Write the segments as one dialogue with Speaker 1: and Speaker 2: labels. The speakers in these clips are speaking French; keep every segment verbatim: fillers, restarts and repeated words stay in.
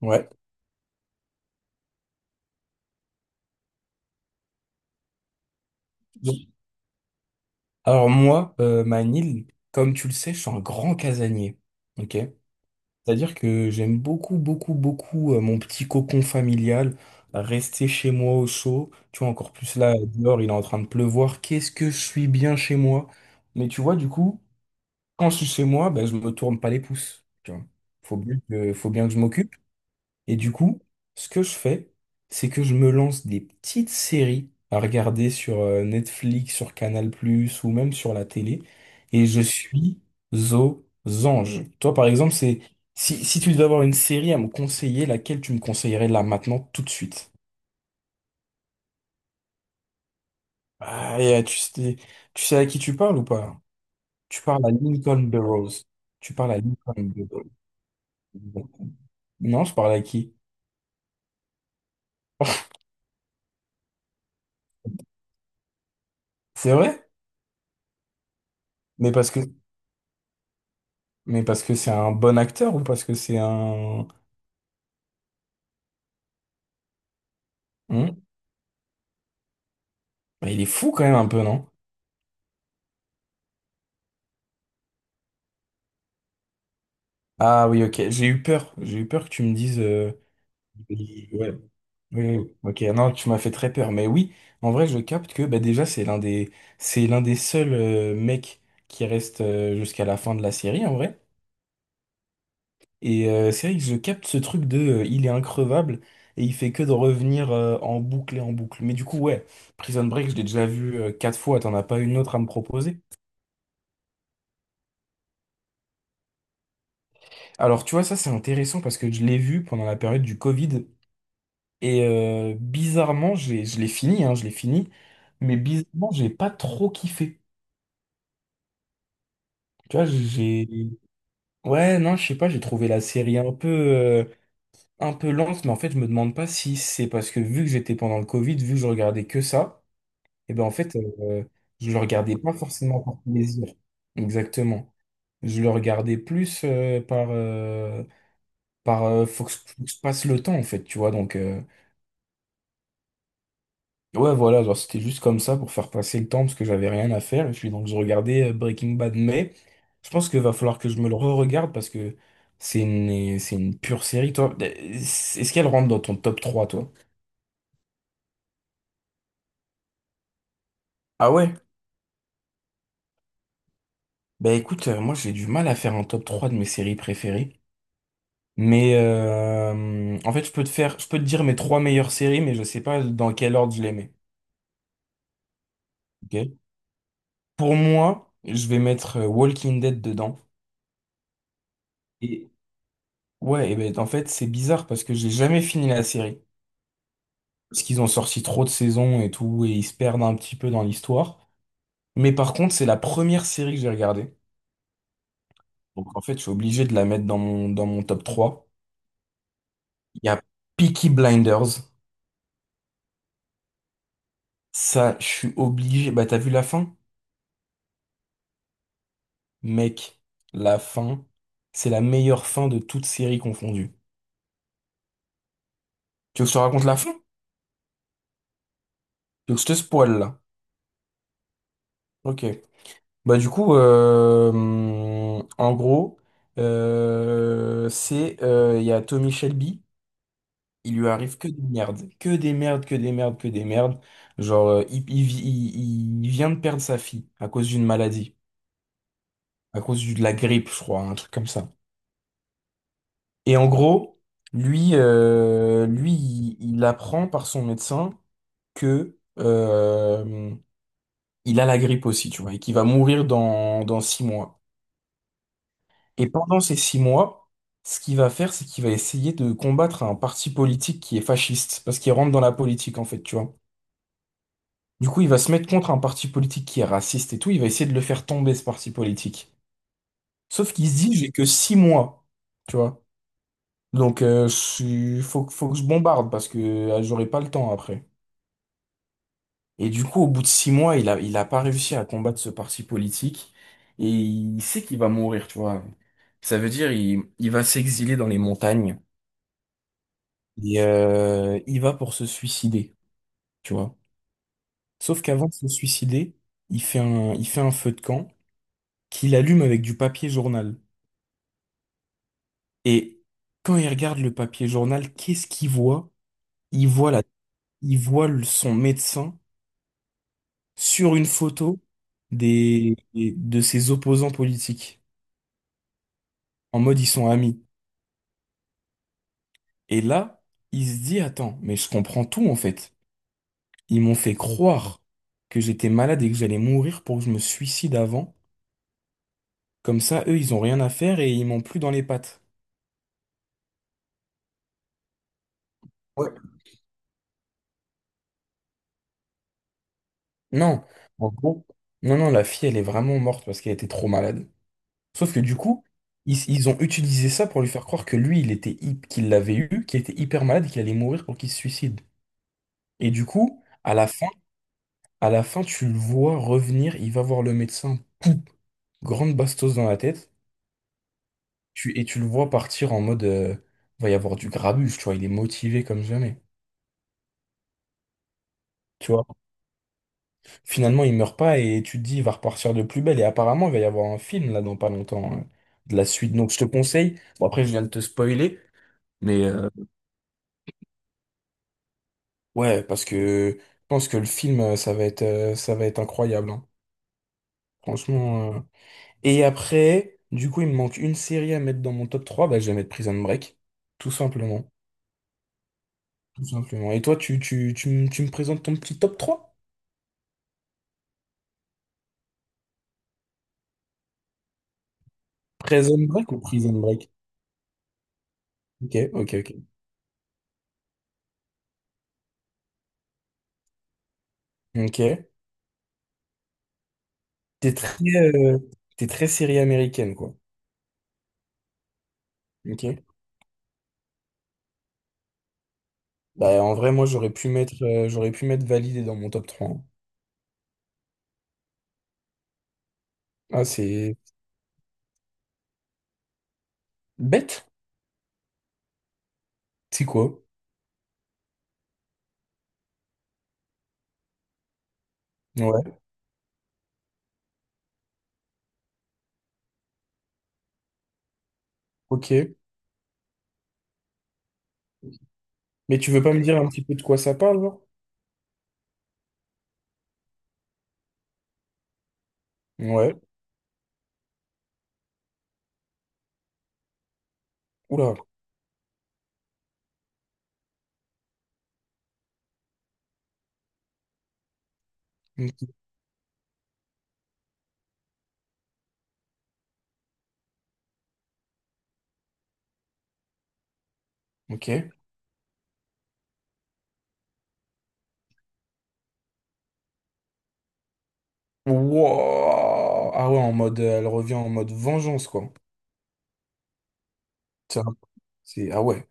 Speaker 1: Ouais. Alors moi, euh, Manil, comme tu le sais, je suis un grand casanier. Ok? C'est-à-dire que j'aime beaucoup, beaucoup, beaucoup euh, mon petit cocon familial, rester chez moi au chaud. Tu vois, encore plus là, dehors, il est en train de pleuvoir. Qu'est-ce que je suis bien chez moi. Mais tu vois, du coup, quand je suis chez moi, ben, je me tourne pas les pouces. Tu vois. Faut bien que, faut bien que je m'occupe. Et du coup, ce que je fais, c'est que je me lance des petites séries à regarder sur euh, Netflix, sur Canal+, ou même sur la télé, et je suis aux anges. Toi, par exemple, c'est si, si tu devais avoir une série à me conseiller, laquelle tu me conseillerais là maintenant, tout de suite? Ah, et, euh, tu sais, tu sais à qui tu parles ou pas? Tu parles à Lincoln Burrows. Tu parles à Lincoln Burrows. Non, je parle à qui? C'est vrai? Mais parce que, mais parce que c'est un bon acteur ou parce que c'est un... Hmm. Mais il est fou quand même un peu, non? Ah oui, ok. J'ai eu peur. J'ai eu peur que tu me dises. euh, Ouais. Oui, oui. Ok. Non, tu m'as fait très peur. Mais oui, en vrai, je capte que bah, déjà, c'est l'un des, c'est l'un des seuls euh, mecs qui reste euh, jusqu'à la fin de la série, en vrai. Et euh, c'est vrai que je capte ce truc de, euh, il est increvable et il fait que de revenir euh, en boucle et en boucle. Mais du coup, ouais, Prison Break, je l'ai déjà vu euh, quatre fois. T'en as pas une autre à me proposer? Alors, tu vois, ça, c'est intéressant parce que je l'ai vu pendant la période du Covid. Et euh, bizarrement, j'ai- je l'ai fini, hein, je l'ai fini, mais bizarrement, j'ai pas trop kiffé. Tu vois, j'ai... Ouais, non, je sais pas, j'ai trouvé la série un peu, euh, un peu lente, mais en fait, je me demande pas si c'est parce que vu que j'étais pendant le Covid, vu que je regardais que ça, et ben en fait, euh, je le regardais pas forcément par plaisir. Exactement. Je le regardais plus euh, par... euh, par euh, faut que, je faut que je passe le temps, en fait, tu vois, donc... euh, Ouais, voilà, genre c'était juste comme ça pour faire passer le temps parce que j'avais rien à faire. Et puis donc je regardais euh, Breaking Bad, mais je pense qu'il va falloir que je me le re-regarde parce que c'est une, c'est une pure série, toi. Est-ce qu'elle rentre dans ton top trois toi? Ah ouais? Bah écoute, euh, moi j'ai du mal à faire un top trois de mes séries préférées. Mais euh, en fait, je peux te faire, je peux te dire mes trois meilleures séries, mais je sais pas dans quel ordre je les mets. Ok. Pour moi, je vais mettre euh, Walking Dead dedans. Ouais, et ben en fait, c'est bizarre parce que j'ai jamais fini la série. Parce qu'ils ont sorti trop de saisons et tout, et ils se perdent un petit peu dans l'histoire. Mais par contre, c'est la première série que j'ai regardée. Donc en fait, je suis obligé de la mettre dans mon, dans mon top trois. Il y a Peaky Blinders. Ça, je suis obligé. Bah, t'as vu la fin? Mec, la fin, c'est la meilleure fin de toute série confondue. Tu veux que je te raconte la fin? Tu veux que je te spoil là? Ok. Bah du coup, euh, hum, en gros, euh, c'est euh, il y a Tommy Shelby, il lui arrive que des merdes, que des merdes, que des merdes, que des merdes. Genre, euh, il, il vi- il- il vient de perdre sa fille à cause d'une maladie, à cause du- de la grippe, je crois, un truc comme ça. Et en gros, lui, euh, lui, il, il apprend par son médecin que euh, il a la grippe aussi, tu vois, et qu'il va mourir dans dans six mois. Et pendant ces six mois, ce qu'il va faire, c'est qu'il va essayer de combattre un parti politique qui est fasciste, parce qu'il rentre dans la politique, en fait, tu vois. Du coup, il va se mettre contre un parti politique qui est raciste et tout, il va essayer de le faire tomber, ce parti politique. Sauf qu'il se dit, j'ai que six mois, tu vois. Donc, euh, je suis- faut, que- faut que je bombarde, parce que euh, j'aurai pas le temps après. Et du coup, au bout de six mois, il a, il a pas réussi à combattre ce parti politique, et il sait qu'il va mourir, tu vois. Ça veut dire, il, il va s'exiler dans les montagnes. Et euh, il va pour se suicider, tu vois. Sauf qu'avant de se suicider, il fait un, il fait un feu de camp qu'il allume avec du papier journal. Et quand il regarde le papier journal, qu'est-ce qu'il voit? Il voit la, il voit le- son médecin sur une photo des, des- de ses opposants politiques. En mode, ils sont amis. Et là, il se dit, attends, mais je comprends tout en fait. Ils m'ont fait croire que j'étais malade et que j'allais mourir pour que je me suicide avant. Comme ça, eux, ils ont rien à faire et ils m'ont plus dans les pattes. Ouais. Non, en gros, non, non, la fille, elle est vraiment morte parce qu'elle était trop malade. Sauf que du coup, ils, ils ont utilisé ça pour lui faire croire que lui, il était, hy- qu'il l'avait eu, qu'il était hyper malade et qu'il allait mourir pour qu'il se suicide. Et du coup, à la fin, à la fin, tu le vois revenir, il va voir le médecin, poum, grande bastos dans la tête, tu, et tu le vois partir en mode, euh, va y avoir du grabuge, tu vois, il est motivé comme jamais. Tu vois. Finalement, il meurt pas et tu te dis, il va repartir de plus belle. Et apparemment, il va y avoir un film là dans pas longtemps, hein, de la suite. Donc, je te conseille. Bon, après, je viens de te spoiler, mais euh, ouais, parce que je pense que le film, euh, ça va être, euh, ça va être incroyable. Hein. Franchement. Euh. Et après, du coup, il me manque une série à mettre dans mon top trois. Bah, je vais mettre Prison Break. Tout simplement. Tout simplement. Et toi, tu, tu, tu, me tu me présentes ton petit top trois. Prison Break ou Prison Break? Ok, ok, ok. Ok. T'es très, euh, t'es très série américaine, quoi. Ok. Bah, en vrai, moi, j'aurais pu mettre, euh, j'aurais pu mettre validé dans mon top trois. Hein. Ah, c'est bête. C'est quoi? Ouais, ok. Mais tu veux pas me dire un petit peu de quoi ça parle, genre? Ouais. Oula. Ok. Ok. Wow. Ah ouais, en mode, euh, elle revient en mode vengeance, quoi. Tiens, c'est, ah ouais.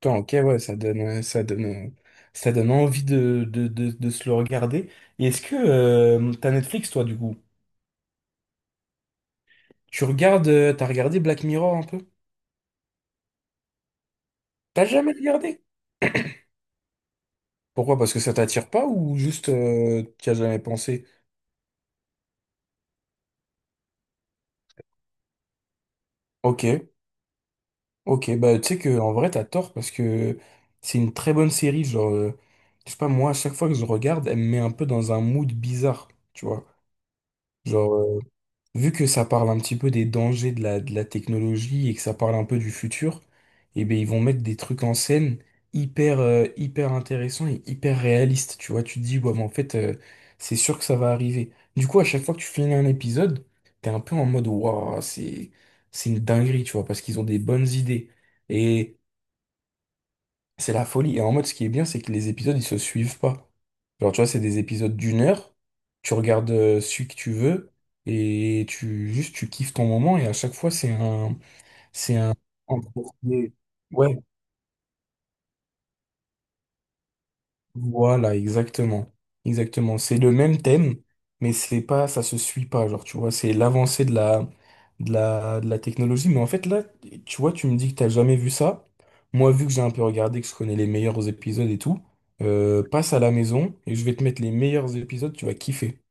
Speaker 1: Putain, ok, ouais, ça donne, euh, ça donne, euh, ça donne envie de, de, de, de se le regarder. Et est-ce que, euh, t'as Netflix, toi, du coup? Tu regardes, euh, t'as regardé Black Mirror un peu? T'as jamais regardé? Pourquoi? Parce que ça t'attire pas ou juste euh, t'y as jamais pensé? Ok, ok, bah tu sais que en vrai t'as tort parce que c'est une très bonne série, genre euh, je sais pas moi, à chaque fois que je regarde, elle me met un peu dans un mood bizarre, tu vois. Genre vu que ça parle un petit peu des dangers de la, de la technologie et que ça parle un peu du futur, eh ben ils vont mettre des trucs en scène hyper, euh, hyper intéressants et hyper réalistes. Tu vois, tu te dis, ouais, mais en fait, euh, c'est sûr que ça va arriver. Du coup, à chaque fois que tu finis un épisode, t'es un peu en mode, waouh, c'est, c'est une dinguerie, tu vois, parce qu'ils ont des bonnes idées. C'est la folie. Et en mode, ce qui est bien, c'est que les épisodes, ils se suivent pas. Genre, tu vois, c'est des épisodes d'une heure. Tu regardes euh, celui que tu veux et tu juste tu kiffes ton moment. Et à chaque fois, c'est un, c'est un. Ouais, voilà, exactement. Exactement. C'est le même thème, mais c'est pas, ça se suit pas. Genre, tu vois, c'est l'avancée de la, de la, de la technologie. Mais en fait, là, tu vois, tu me dis que t'as jamais vu ça. Moi, vu que j'ai un peu regardé, que je connais les meilleurs épisodes et tout, euh, passe à la maison et je vais te mettre les meilleurs épisodes, tu vas kiffer.